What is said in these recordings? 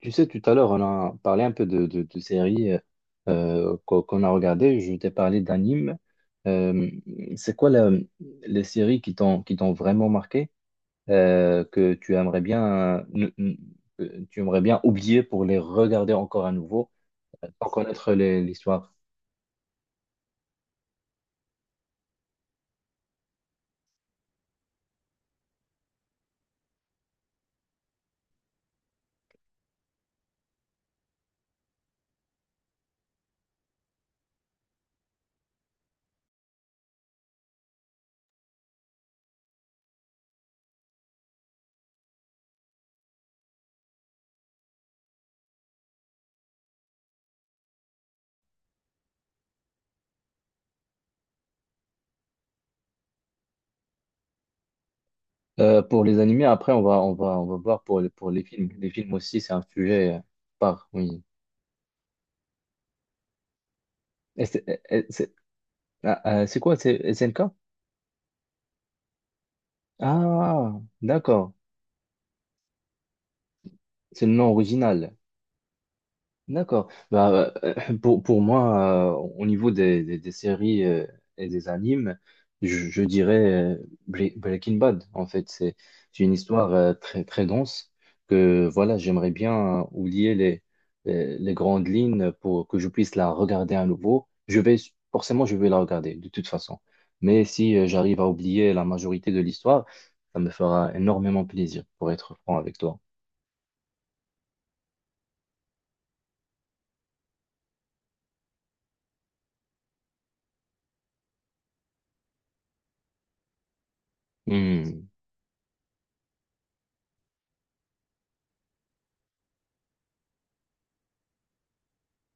Tu sais, tout à l'heure, on a parlé un peu de séries qu'on a regardées. Je t'ai parlé d'animes. Euh, c'est quoi la- les séries qui t'ont vraiment marqué, que tu aimerais bien ne- ne- que tu aimerais bien oublier pour les regarder encore à nouveau sans connaître l'histoire. Pour les animés, après, on va voir pour les films. Les films aussi, c'est un sujet par oui. Et C'est et c'est- c'est quoi? C'est SNK? Ah, d'accord. C'est le nom original. D'accord. Bah, pour moi, au niveau des séries et des animes, je dirais euh, Breaking Bad. En fait, c'est une histoire très, très dense que voilà, j'aimerais bien oublier les grandes lignes pour que je puisse la regarder à nouveau. Je vais, forcément, je vais la regarder de toute façon. Mais si j'arrive à oublier la majorité de l'histoire, ça me fera énormément plaisir, pour être franc avec toi. Hmm.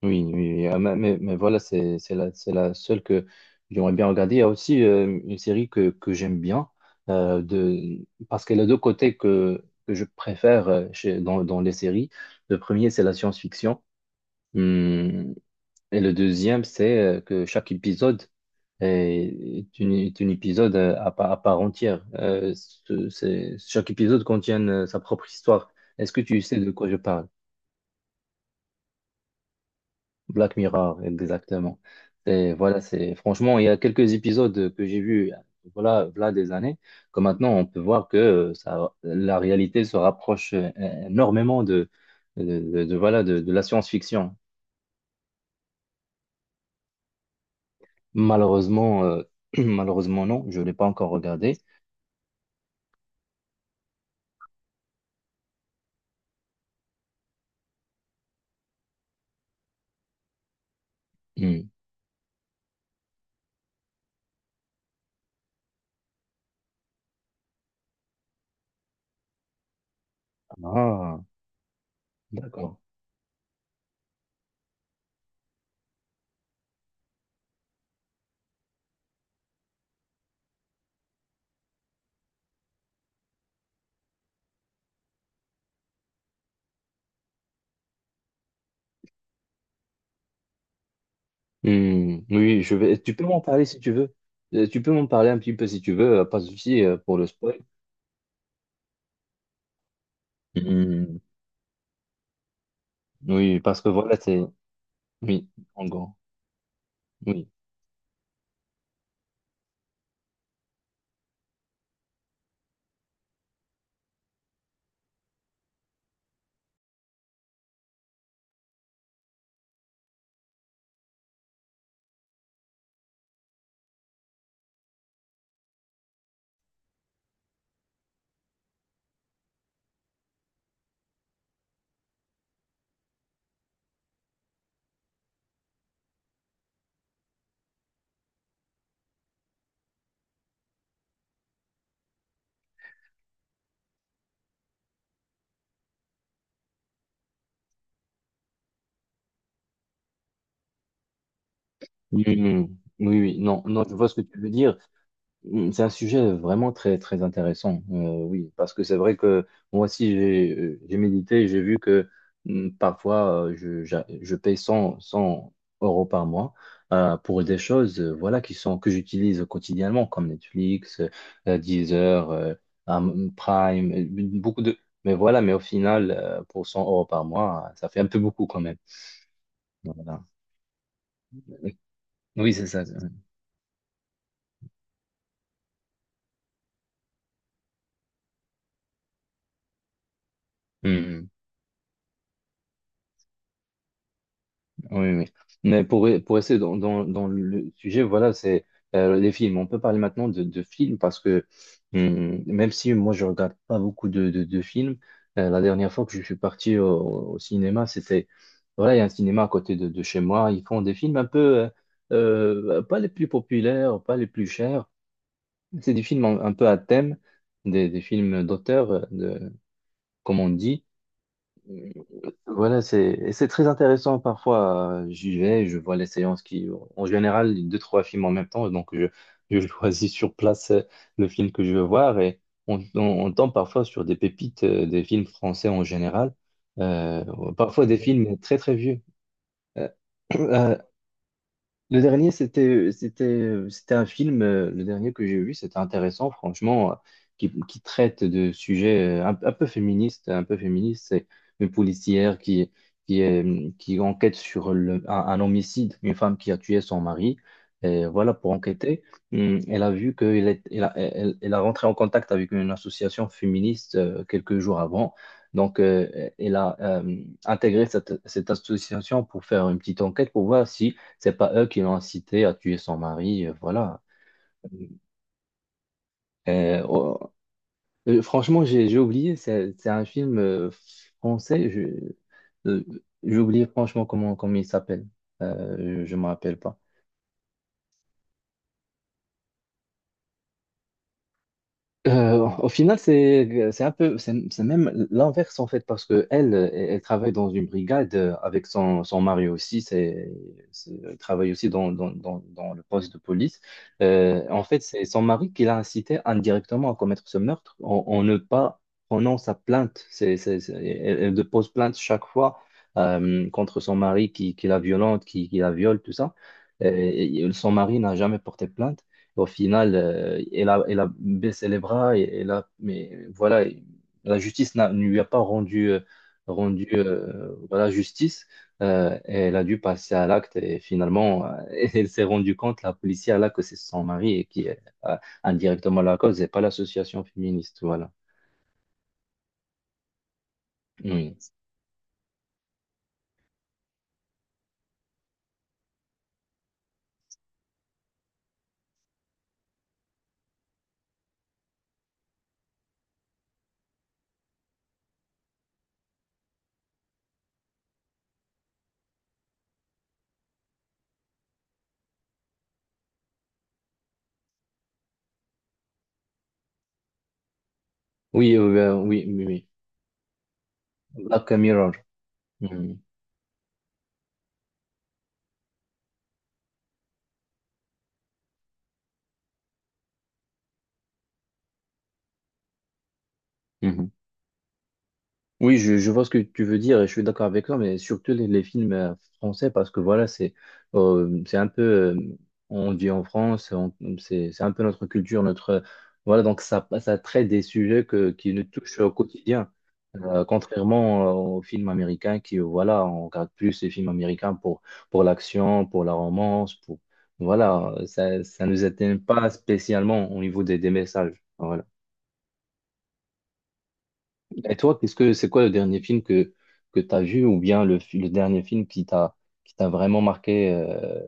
Oui, oui, oui. Ah, mais voilà, c'est la seule que j'aimerais bien regarder. Il y a aussi une série que j'aime bien, euh, de, parce qu'elle a deux côtés que je préfère dans les séries. Le premier, c'est la science-fiction. Hum, et le deuxième, c'est que chaque épisode est un épisode à part entière. Chaque épisode contient sa propre histoire. Est-ce que tu sais de quoi je parle? Black Mirror, exactement. Et voilà, c'est franchement, il y a quelques épisodes que j'ai vus, voilà, voilà des années, que maintenant on peut voir que ça, la réalité se rapproche énormément de la science-fiction. Malheureusement, euh, Malheureusement non, je ne l'ai pas encore regardé. Hmm. Ah, d'accord. Hmm, oui, je vais. Tu peux m'en parler si tu veux. Tu peux m'en parler un petit peu si tu veux, pas de souci pour le spoil. Hmm, oui, parce que voilà, c'est. Oui. En gros. Oui, oui, oui, oui, oui, oui. Non, non, je vois ce que tu veux dire. C'est un sujet vraiment très, très intéressant, oui, parce que c'est vrai que moi aussi, j'ai médité et j'ai vu que parfois, je paye cent euros par mois pour des choses voilà, qui sont, que j'utilise quotidiennement, comme Netflix, Deezer, Prime, beaucoup de... Mais voilà, mais au final, pour 100 euros par mois, ça fait un peu beaucoup quand même. Voilà. Oui, c'est ça. Mm, oui, oui. Mais pour rester dans le sujet, voilà, c'est les films. On peut parler maintenant de films parce que même si moi je regarde pas beaucoup de films, la dernière fois que je suis parti au cinéma, c'était, voilà, il y a un cinéma à côté de chez moi. Ils font des films un peu, pas les plus populaires, pas les plus chers. C'est des films un peu à thème, des films d'auteur, comme on dit. Voilà, c'est très intéressant parfois. J'y vais, je vois les séances qui, en général, deux, trois films en même temps. Donc, je choisis sur place le film que je veux voir et on, on, on tombe parfois sur des pépites des films français en général. Euh, Parfois des films très, très vieux. Euh, Le dernier, c'était un film, le dernier que j'ai vu, c'était intéressant, franchement, qui traite de sujets un peu féministes, un peu féministes. C'est une policière qui enquête sur un homicide, une femme qui a tué son mari. Et voilà, pour enquêter, elle a vu qu'elle est, elle a, elle, elle a rentré en contact avec une association féministe quelques jours avant. Donc, elle a intégré cette association pour faire une petite enquête pour voir si c'est pas eux qui l'ont incité à tuer son mari, voilà. Euh, oh, Franchement, j'ai oublié, c'est un film français, euh, j'ai oublié franchement comment il s'appelle. Je ne me rappelle pas. Au final, c'est un peu c'est même l'inverse en fait parce que elle travaille dans une brigade avec son mari aussi. Elle travaille aussi dans le poste de police. En fait c'est son mari qui l'a incité indirectement à commettre ce meurtre en ne pas prenant sa plainte. Elle dépose plainte chaque fois contre son mari qui la violente qui la viole tout ça. Et son mari n'a jamais porté plainte au final, elle a baissé les bras, mais voilà, la justice ne lui a pas rendu justice. Et elle a dû passer à l'acte et finalement, elle s'est rendue compte, la policière, là, que c'est son mari et qui est euh, indirectement la cause et pas l'association féministe. Voilà. Mm. Oui, oui, oui, oui. Black Mirror. Mm. Mhm. Oui, je vois ce que tu veux dire et je suis d'accord avec toi, mais surtout les films français, parce que voilà, c'est un peu, on dit en France, c'est un peu notre culture, notre, voilà, donc ça traite des sujets que, qui nous touchent au quotidien, contrairement aux films américains qui, voilà, on regarde plus les films américains pour l'action, pour la romance, pour, voilà, ça nous atteint pas spécialement au niveau des messages. Voilà. Et toi, qu'est-ce que c'est quoi le dernier film que tu as vu ou bien le dernier film qui t'a vraiment marqué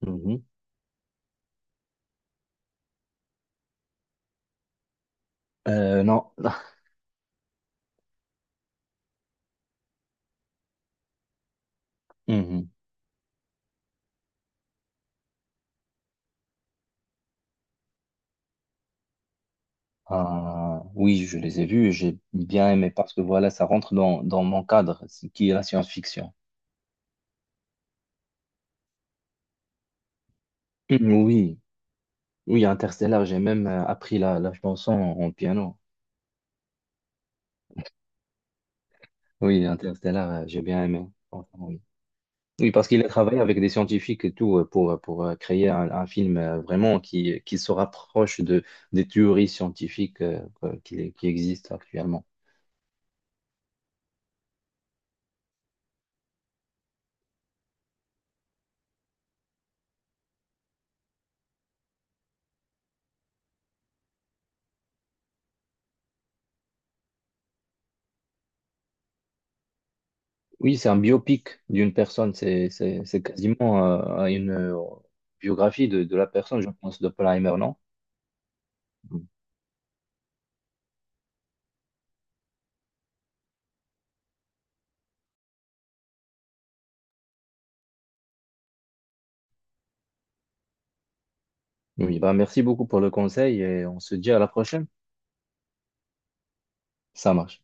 mhm. Non. Mhm. Oui, je les ai vus et j'ai bien aimé parce que voilà, ça rentre dans mon cadre, ce qui est la science-fiction. Mhm, oui, oui, Interstellar, j'ai même appris la chanson en piano. Oui, Interstellar, j'ai bien aimé. Franchement, oui, parce qu'il a travaillé avec des scientifiques et tout pour créer un film vraiment qui se rapproche des théories scientifiques qui existent actuellement. Oui, c'est un biopic d'une personne, c'est quasiment une biographie de la personne, je pense, d'Oppenheimer, non? Oui, bah merci beaucoup pour le conseil et on se dit à la prochaine. Ça marche.